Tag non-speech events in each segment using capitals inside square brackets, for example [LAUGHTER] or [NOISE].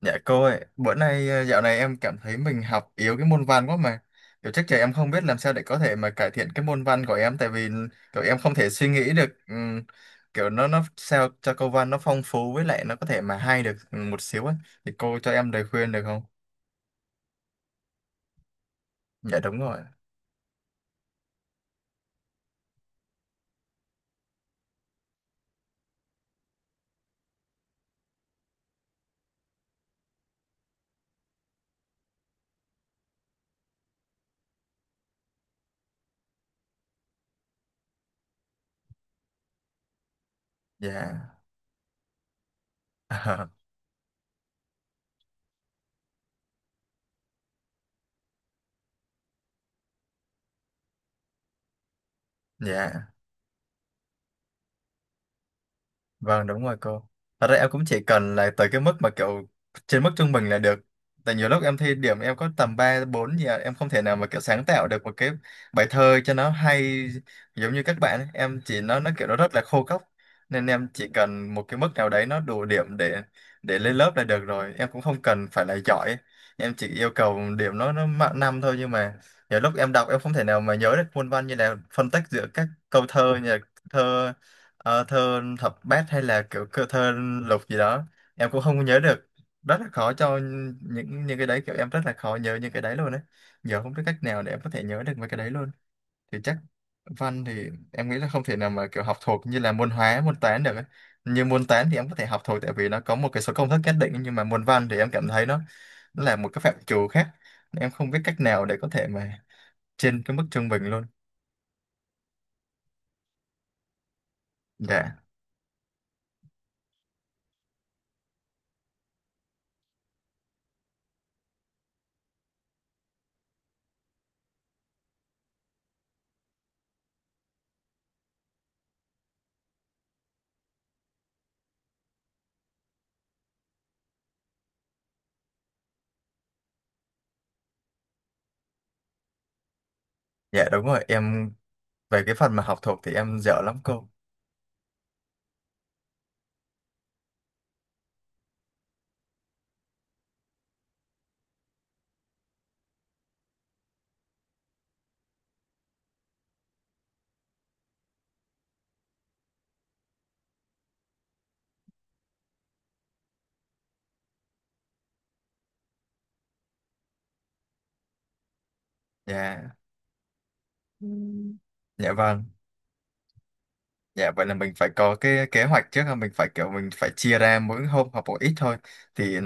Dạ cô ơi, bữa nay dạo này em cảm thấy mình học yếu cái môn văn quá mà. Kiểu chắc chắn em không biết làm sao để có thể mà cải thiện cái môn văn của em, tại vì kiểu em không thể suy nghĩ được kiểu nó sao cho câu văn nó phong phú với lại nó có thể mà hay được một xíu á. Thì cô cho em lời khuyên được không? Dạ đúng rồi. Dạ. [LAUGHS] Dạ. Vâng đúng rồi cô. Thật ra em cũng chỉ cần là tới cái mức mà kiểu trên mức trung bình là được. Tại nhiều lúc em thi điểm em có tầm 3 4 gì à, em không thể nào mà kiểu sáng tạo được một cái bài thơ cho nó hay giống như các bạn ấy. Em chỉ nó kiểu nó rất là khô cốc. Nên em chỉ cần một cái mức nào đấy nó đủ điểm để lên lớp là được rồi. Em cũng không cần phải là giỏi. Em chỉ yêu cầu điểm nó mạng năm thôi, nhưng mà nhiều lúc em đọc em không thể nào mà nhớ được muôn văn, như là phân tách giữa các câu thơ, như là thơ. Thơ thập bát hay là thơ lục gì đó, em cũng không nhớ được, rất là khó cho những cái đấy, kiểu em rất là khó nhớ những cái đấy luôn đấy. Giờ không biết cách nào để em có thể nhớ được mấy cái đấy luôn. Thì chắc văn thì em nghĩ là không thể nào mà kiểu học thuộc như là môn hóa, môn toán được ấy. Như môn toán thì em có thể học thuộc tại vì nó có một cái số công thức nhất định, nhưng mà môn văn thì em cảm thấy nó là một cái phạm trù khác, em không biết cách nào để có thể mà trên cái mức trung bình luôn. Dạ. Dạ đúng rồi em, về cái phần mà học thuộc thì em dở lắm cô. Dạ, ừ. Dạ vâng. Dạ vậy là mình phải có cái kế hoạch trước, là mình phải kiểu mình phải chia ra mỗi hôm học một ít thôi. Thì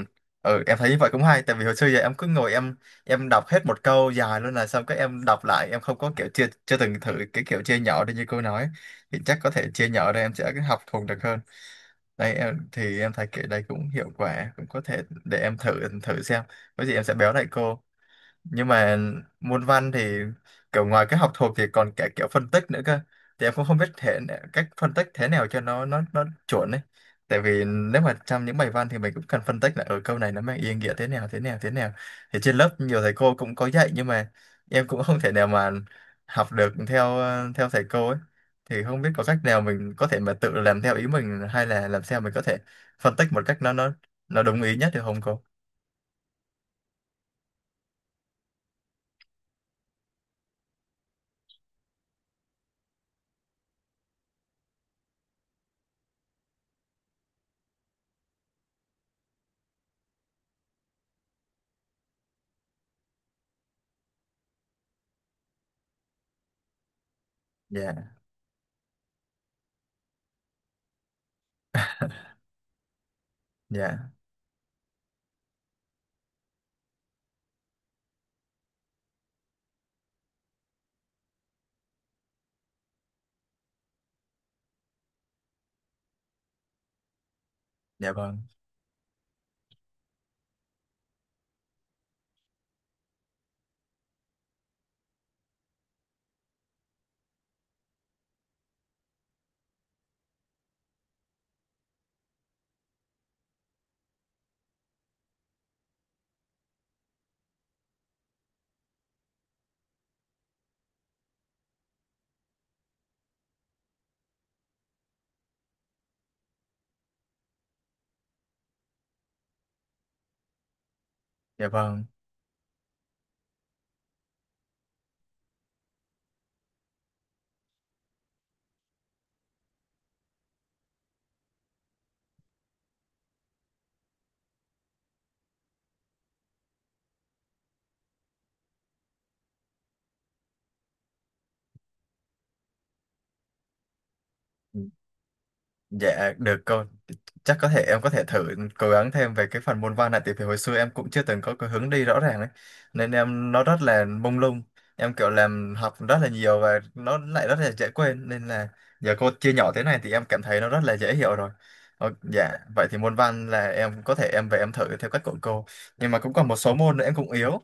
ừ em thấy như vậy cũng hay, tại vì hồi xưa giờ em cứ ngồi em đọc hết một câu dài luôn là xong cái em đọc lại, em không có kiểu chưa chưa từng thử cái kiểu chia nhỏ đi như cô nói. Thì chắc có thể chia nhỏ ra em sẽ học thuộc được hơn. Đây em thì em thấy kiểu đây cũng hiệu quả, cũng có thể để em thử thử xem. Có gì em sẽ báo lại cô. Nhưng mà môn văn thì kiểu ngoài cái học thuộc thì còn cả kiểu phân tích nữa cơ, thì em cũng không biết cách phân tích thế nào cho nó chuẩn ấy. Tại vì nếu mà trong những bài văn thì mình cũng cần phân tích là ở câu này nó mang ý nghĩa thế nào, thế nào, thế nào. Thì trên lớp nhiều thầy cô cũng có dạy, nhưng mà em cũng không thể nào mà học được theo theo thầy cô ấy. Thì không biết có cách nào mình có thể mà tự làm theo ý mình, hay là làm sao mình có thể phân tích một cách nó đúng ý nhất được không cô? Dạ. Dạ. Dạ vâng. Dạ vâng. Dạ được cô, chắc có thể em có thể thử cố gắng thêm về cái phần môn văn này, tại vì hồi xưa em cũng chưa từng có cái hướng đi rõ ràng đấy, nên em nó rất là mông lung, em kiểu làm học rất là nhiều và nó lại rất là dễ quên, nên là giờ cô chia nhỏ thế này thì em cảm thấy nó rất là dễ hiểu rồi. Dạ vậy thì môn văn là em có thể em về em thử theo cách của cô, nhưng mà cũng còn một số môn nữa em cũng yếu,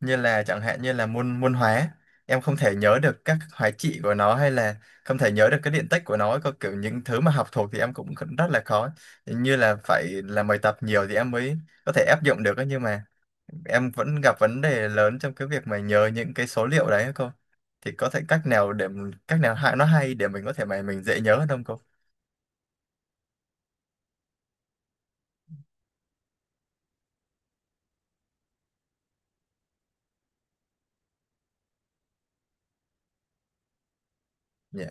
như là chẳng hạn như là môn môn hóa. Em không thể nhớ được các hóa trị của nó, hay là không thể nhớ được cái điện tích của nó, có kiểu những thứ mà học thuộc thì em cũng rất là khó, như là phải làm bài tập nhiều thì em mới có thể áp dụng được ấy. Nhưng mà em vẫn gặp vấn đề lớn trong cái việc mà nhớ những cái số liệu đấy ấy cô. Thì có thể cách nào để cách nào hay, nó hay để mình có thể mà mình dễ nhớ hơn không cô? Dạ.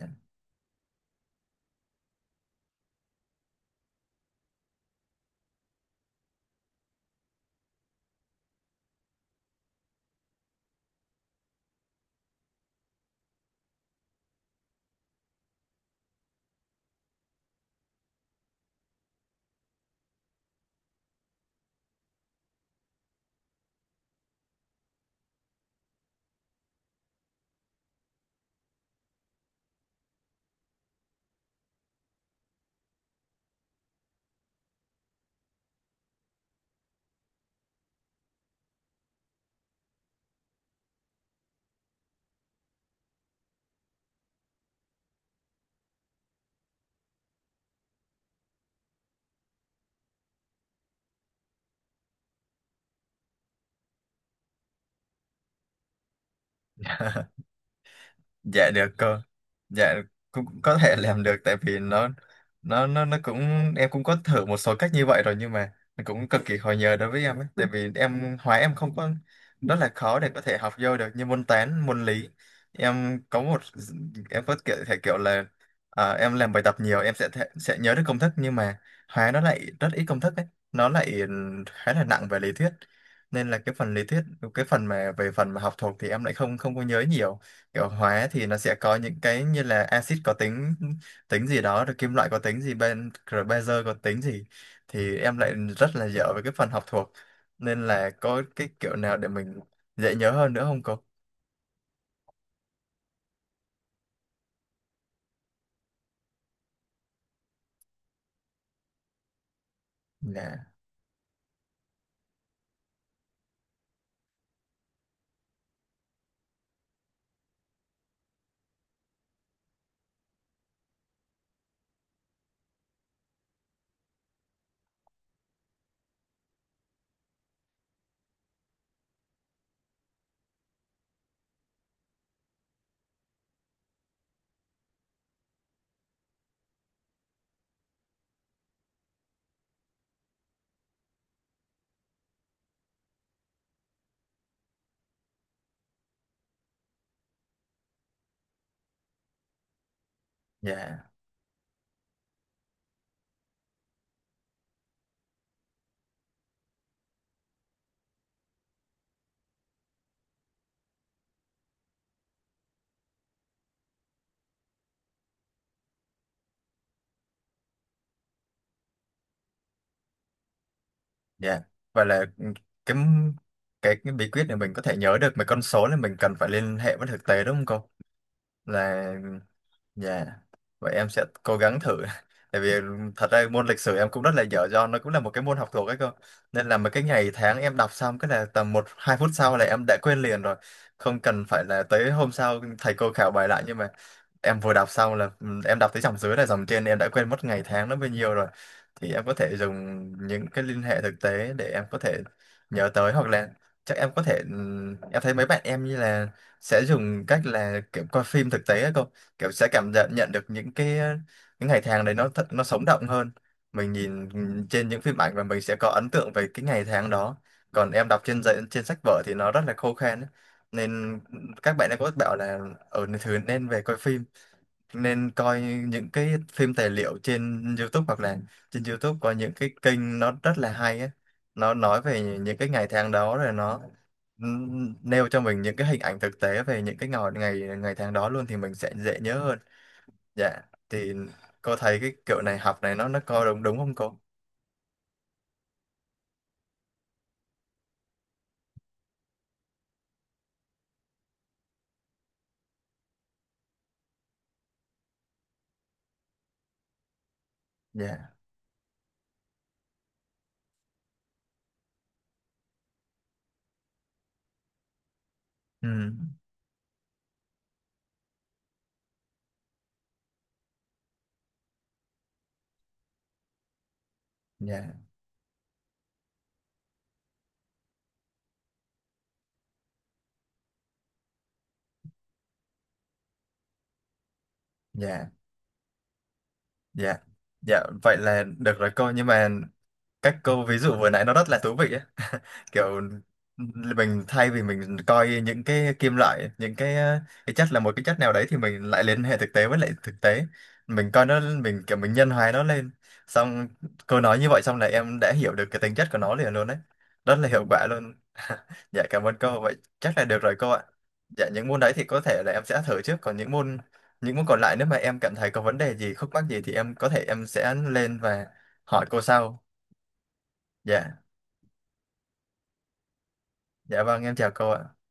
Dạ được cô. Dạ cũng có thể làm được tại vì nó cũng em cũng có thử một số cách như vậy rồi, nhưng mà nó cũng cực kỳ khó nhớ đối với em ấy, tại vì em hóa em không có rất là khó để có thể học vô được như môn toán, môn lý. Em có một có kiểu thể kiểu là em làm bài tập nhiều em sẽ thể, sẽ nhớ được công thức, nhưng mà hóa nó lại rất ít công thức ấy, nó lại khá là nặng về lý thuyết. Nên là cái phần lý thuyết, cái phần mà về phần mà học thuộc thì em lại không không có nhớ nhiều. Kiểu hóa thì nó sẽ có những cái như là axit có tính tính gì đó, rồi kim loại có tính gì ben, rồi bazơ có tính gì, thì em lại rất là dở với cái phần học thuộc. Nên là có cái kiểu nào để mình dễ nhớ hơn nữa không cô? Dạ. Dạ. Dạ và là cái cái cái bí quyết để mình có thể nhớ được mấy con số là mình cần phải liên hệ với thực tế, đúng không cô? Là yeah. Vậy em sẽ cố gắng thử. [LAUGHS] Tại vì thật ra môn lịch sử em cũng rất là dở, do nó cũng là một cái môn học thuộc ấy cơ. Nên là mấy cái ngày tháng em đọc xong cái là tầm một 2 phút sau là em đã quên liền rồi. Không cần phải là tới hôm sau thầy cô khảo bài lại, nhưng mà em vừa đọc xong là em đọc tới dòng dưới là dòng trên em đã quên mất ngày tháng nó bao nhiêu rồi. Thì em có thể dùng những cái liên hệ thực tế để em có thể nhớ tới, hoặc là chắc em có thể em thấy mấy bạn em như là sẽ dùng cách là kiểu coi phim thực tế ấy cơ, kiểu sẽ cảm nhận nhận được những cái những ngày tháng đấy nó thật, nó sống động hơn mình nhìn trên những phim ảnh, và mình sẽ có ấn tượng về cái ngày tháng đó. Còn em đọc trên giấy trên sách vở thì nó rất là khô khan ấy. Nên các bạn ấy có bảo là ở thứ nên về coi phim, nên coi những cái phim tài liệu trên YouTube, hoặc là trên YouTube có những cái kênh nó rất là hay ấy. Nó nói về những cái ngày tháng đó rồi nó nêu cho mình những cái hình ảnh thực tế về những cái ngày ngày ngày tháng đó luôn thì mình sẽ dễ nhớ hơn. Dạ thì cô thấy cái kiểu này học này nó có đúng đúng không cô? Dạ. Ừ. Dạ. Dạ. Dạ. Dạ vậy là được rồi cô, nhưng mà cách câu ví dụ vừa nãy nó rất là thú vị ấy, kiểu mình thay vì mình coi những cái kim loại, những cái cái chất là một cái chất nào đấy, thì mình lại liên hệ thực tế với lại thực tế, mình coi nó mình kiểu mình nhân hóa nó lên, xong cô nói như vậy xong là em đã hiểu được cái tính chất của nó liền luôn đấy, rất là hiệu quả luôn. [LAUGHS] Dạ cảm ơn cô, vậy chắc là được rồi cô ạ. Dạ những môn đấy thì có thể là em sẽ thử trước, còn những môn còn lại nếu mà em cảm thấy có vấn đề gì khúc mắc gì thì em có thể em sẽ lên và hỏi cô sau. Dạ. Dạ vâng em chào cô ạ.